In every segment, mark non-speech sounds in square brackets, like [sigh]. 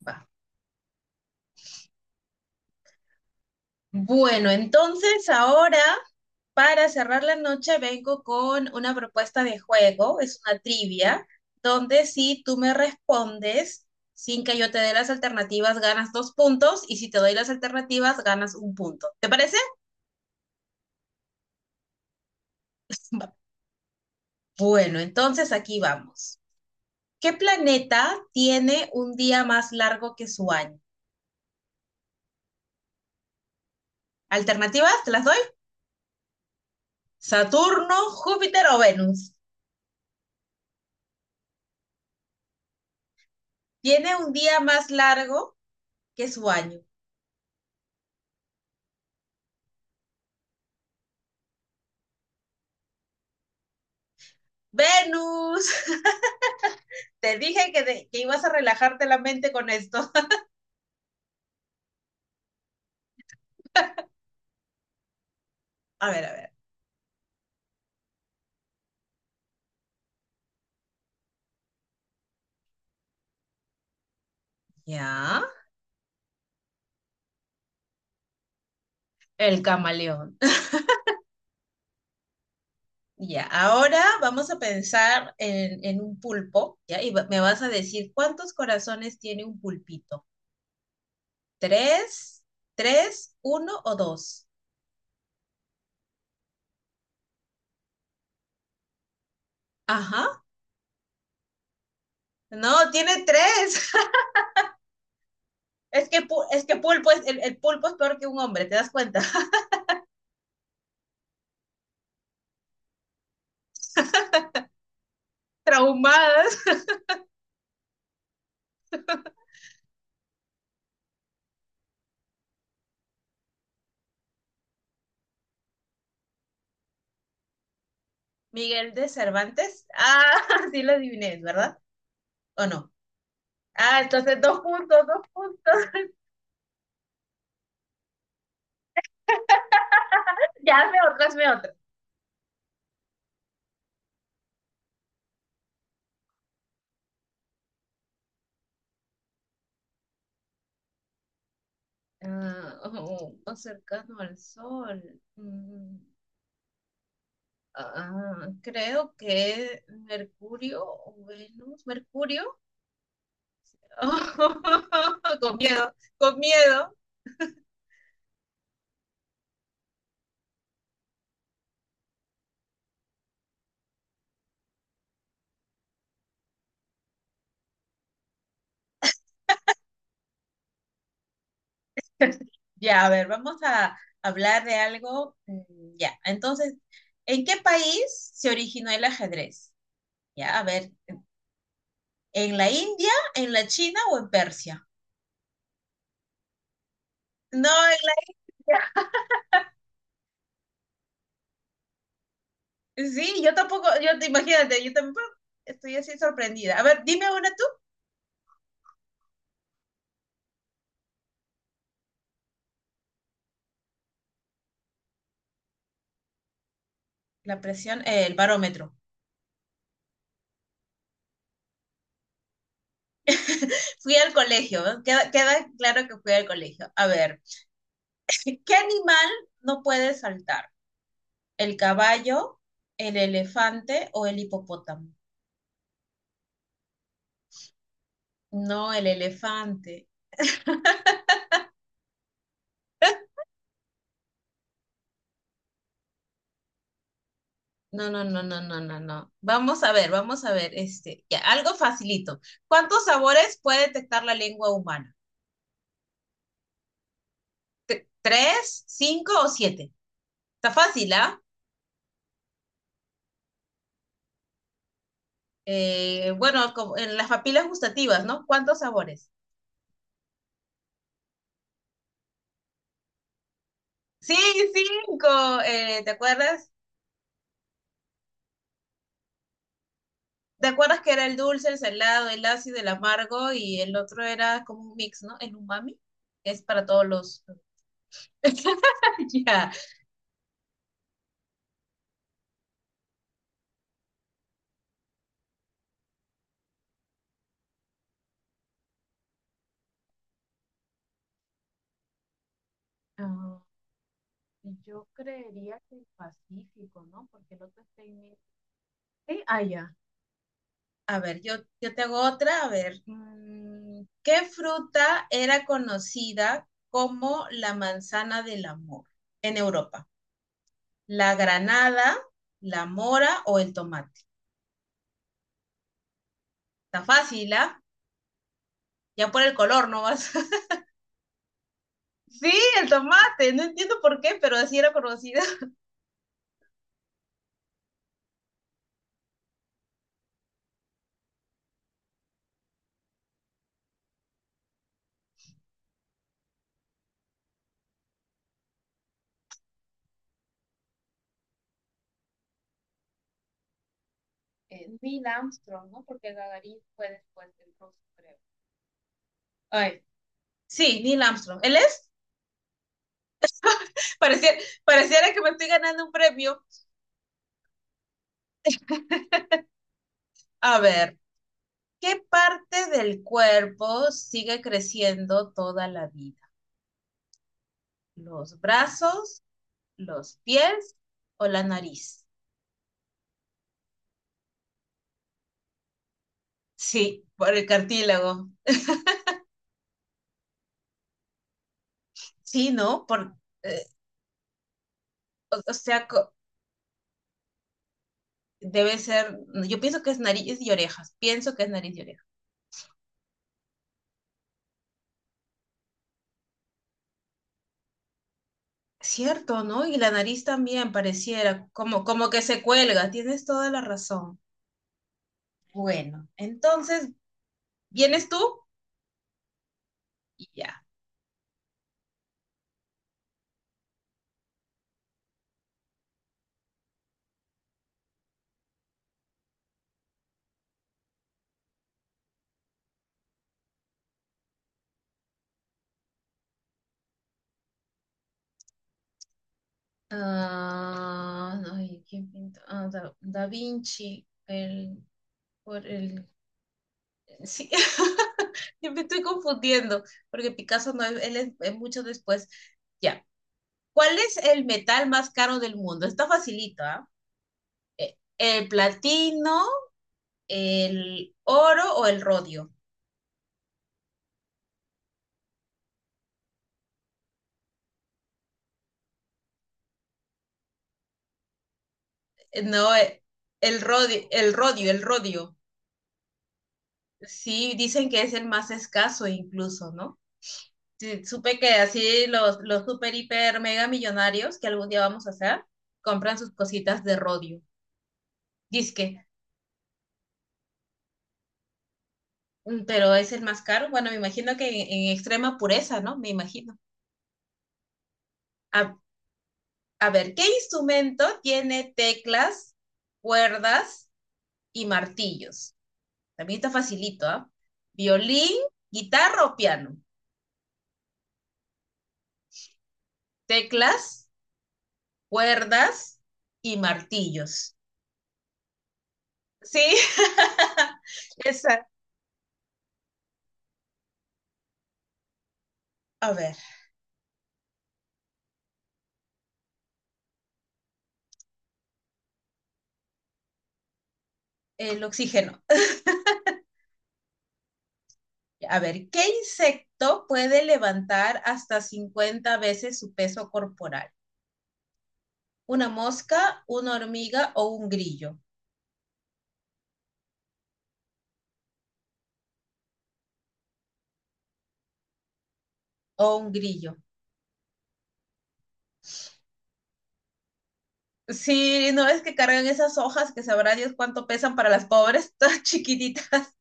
Va. Bueno, entonces ahora para cerrar la noche vengo con una propuesta de juego, es una trivia, donde si tú me respondes sin que yo te dé las alternativas ganas dos puntos y si te doy las alternativas ganas un punto. ¿Te parece? Va. Bueno, entonces aquí vamos. ¿Qué planeta tiene un día más largo que su año? Alternativas, te las doy. Saturno, Júpiter o Venus. Tiene un día más largo que su año. Venus, [laughs] te dije que ibas a relajarte la mente con esto. [laughs] A ver, a ver. Ya, el camaleón. Ya, ahora vamos a pensar en un pulpo, ¿ya? Y me vas a decir cuántos corazones tiene un pulpito. ¿Tres? ¿Tres? ¿Uno o dos? Ajá. No, tiene tres. [laughs] Es es que pulpo es, el pulpo es peor que un hombre, ¿te das cuenta? [laughs] Traumadas. Miguel de Cervantes. Ah, [laughs] sí lo adiviné, ¿verdad? ¿O no? Ah, entonces dos puntos, dos puntos. [laughs] Ya hazme otra, hazme otra. Ah, oh, más cercano al Sol. Mm, creo que Mercurio o Venus. Mercurio. [laughs] Con miedo, con miedo. Ya, a ver, vamos a hablar de algo. Ya, entonces, ¿en qué país se originó el ajedrez? Ya, a ver, ¿en la India, en la China o en Persia? No, en la. Sí, yo tampoco, yo te imagínate, yo tampoco estoy así sorprendida. A ver, dime una tú. La presión, el barómetro. [laughs] Fui al colegio, ¿no? Queda claro que fui al colegio. A ver, ¿qué animal no puede saltar? ¿El caballo, el elefante o el hipopótamo? No, el elefante. No, no, no, no, no, no, no. Vamos a ver, este, ya, algo facilito. ¿Cuántos sabores puede detectar la lengua humana? ¿Tres, cinco o siete? Está fácil, ¿ah? Bueno, como en las papilas gustativas, ¿no? ¿Cuántos sabores? Sí, cinco. ¿Te acuerdas? ¿Te acuerdas que era el dulce, el salado, el ácido, el amargo y el otro era como un mix, ¿no? El umami, que es para todos los... [laughs] Ya. Ah, yo creería que el Pacífico, ¿no? Porque el otro está en el... Sí, ah, ya. A ver, yo te hago otra. A ver, ¿qué fruta era conocida como la manzana del amor en Europa? ¿La granada, la mora o el tomate? Está fácil, ¿ah? Ya por el color no vas. [laughs] Sí, el tomate. No entiendo por qué, pero así era conocida. Neil Armstrong, ¿no? Porque Gagarin fue después del ruso, creo. Ay, sí, Neil Armstrong. ¿Él es? Pareciera, pareciera que me estoy ganando un premio. A ver. ¿Qué parte del cuerpo sigue creciendo toda la vida? ¿Los brazos, los pies o la nariz? Sí, por el cartílago. Sí, ¿no? Eh, o sea, debe ser, yo pienso que es nariz y orejas, pienso que es nariz y orejas. Cierto, ¿no? Y la nariz también pareciera como, como que se cuelga, tienes toda la razón. Bueno, entonces, ¿vienes tú? Y ya. Ah, ay, ¿quién pintó? Ah, Da Vinci, por el, sí, [laughs] yo me estoy confundiendo, porque Picasso no, él es mucho después. Ya, ¿cuál es el metal más caro del mundo? Está facilito, ¿ah? ¿El platino, el oro o el rodio? No, el rodio, el rodio, el rodio. Sí, dicen que es el más escaso incluso, ¿no? Sí, supe que así los super, hiper, mega millonarios que algún día vamos a hacer, compran sus cositas de rodio. Disque, pero es el más caro. Bueno, me imagino que en extrema pureza, ¿no? Me imagino. A, a ver, ¿qué instrumento tiene teclas, cuerdas y martillos? También está facilito, ¿ah? Violín, guitarra o piano. Teclas, cuerdas y martillos. Sí, [laughs] esa. A ver, el oxígeno. A ver, ¿qué insecto puede levantar hasta 50 veces su peso corporal? ¿Una mosca, una hormiga o un grillo? O un grillo. Sí, no es que cargan esas hojas que sabrá Dios cuánto pesan para las pobres, [laughs] todas chiquititas.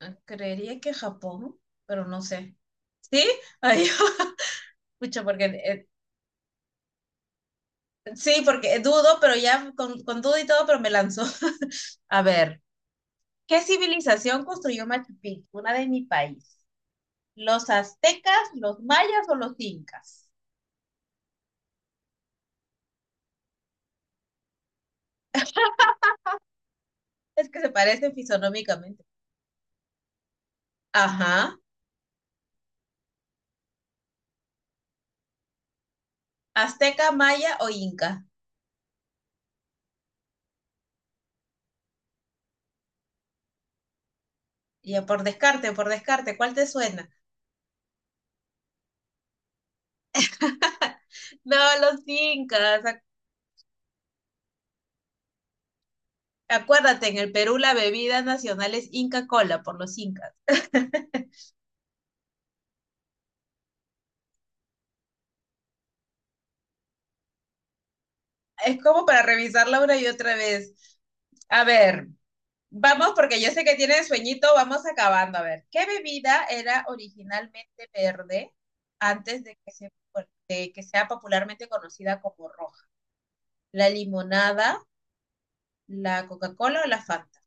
Ah, creería que Japón, pero no sé. ¿Sí? Ay, [laughs] escucha, porque sí, porque dudo, pero ya con duda y todo, pero me lanzó. [laughs] A ver, ¿qué civilización construyó Machu Picchu? Una de mi país. ¿Los aztecas, los mayas o los incas? Es que se parecen fisionómicamente. Ajá. Azteca, maya o inca. Ya por descarte, ¿cuál te suena? No, los incas. Acuérdate, en el Perú la bebida nacional es Inca Cola por los incas. [laughs] Es como para revisarla una y otra vez. A ver, vamos, porque yo sé que tienen sueñito, vamos acabando. A ver, ¿qué bebida era originalmente verde antes de de que sea popularmente conocida como roja? ¿La limonada, la Coca-Cola o la Fanta?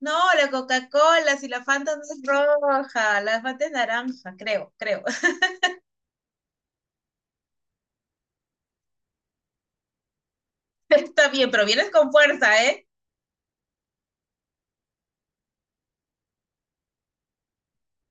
No, la Coca-Cola, si la Fanta no es roja, la Fanta es naranja, creo, creo. [laughs] Está bien, pero vienes con fuerza, ¿eh?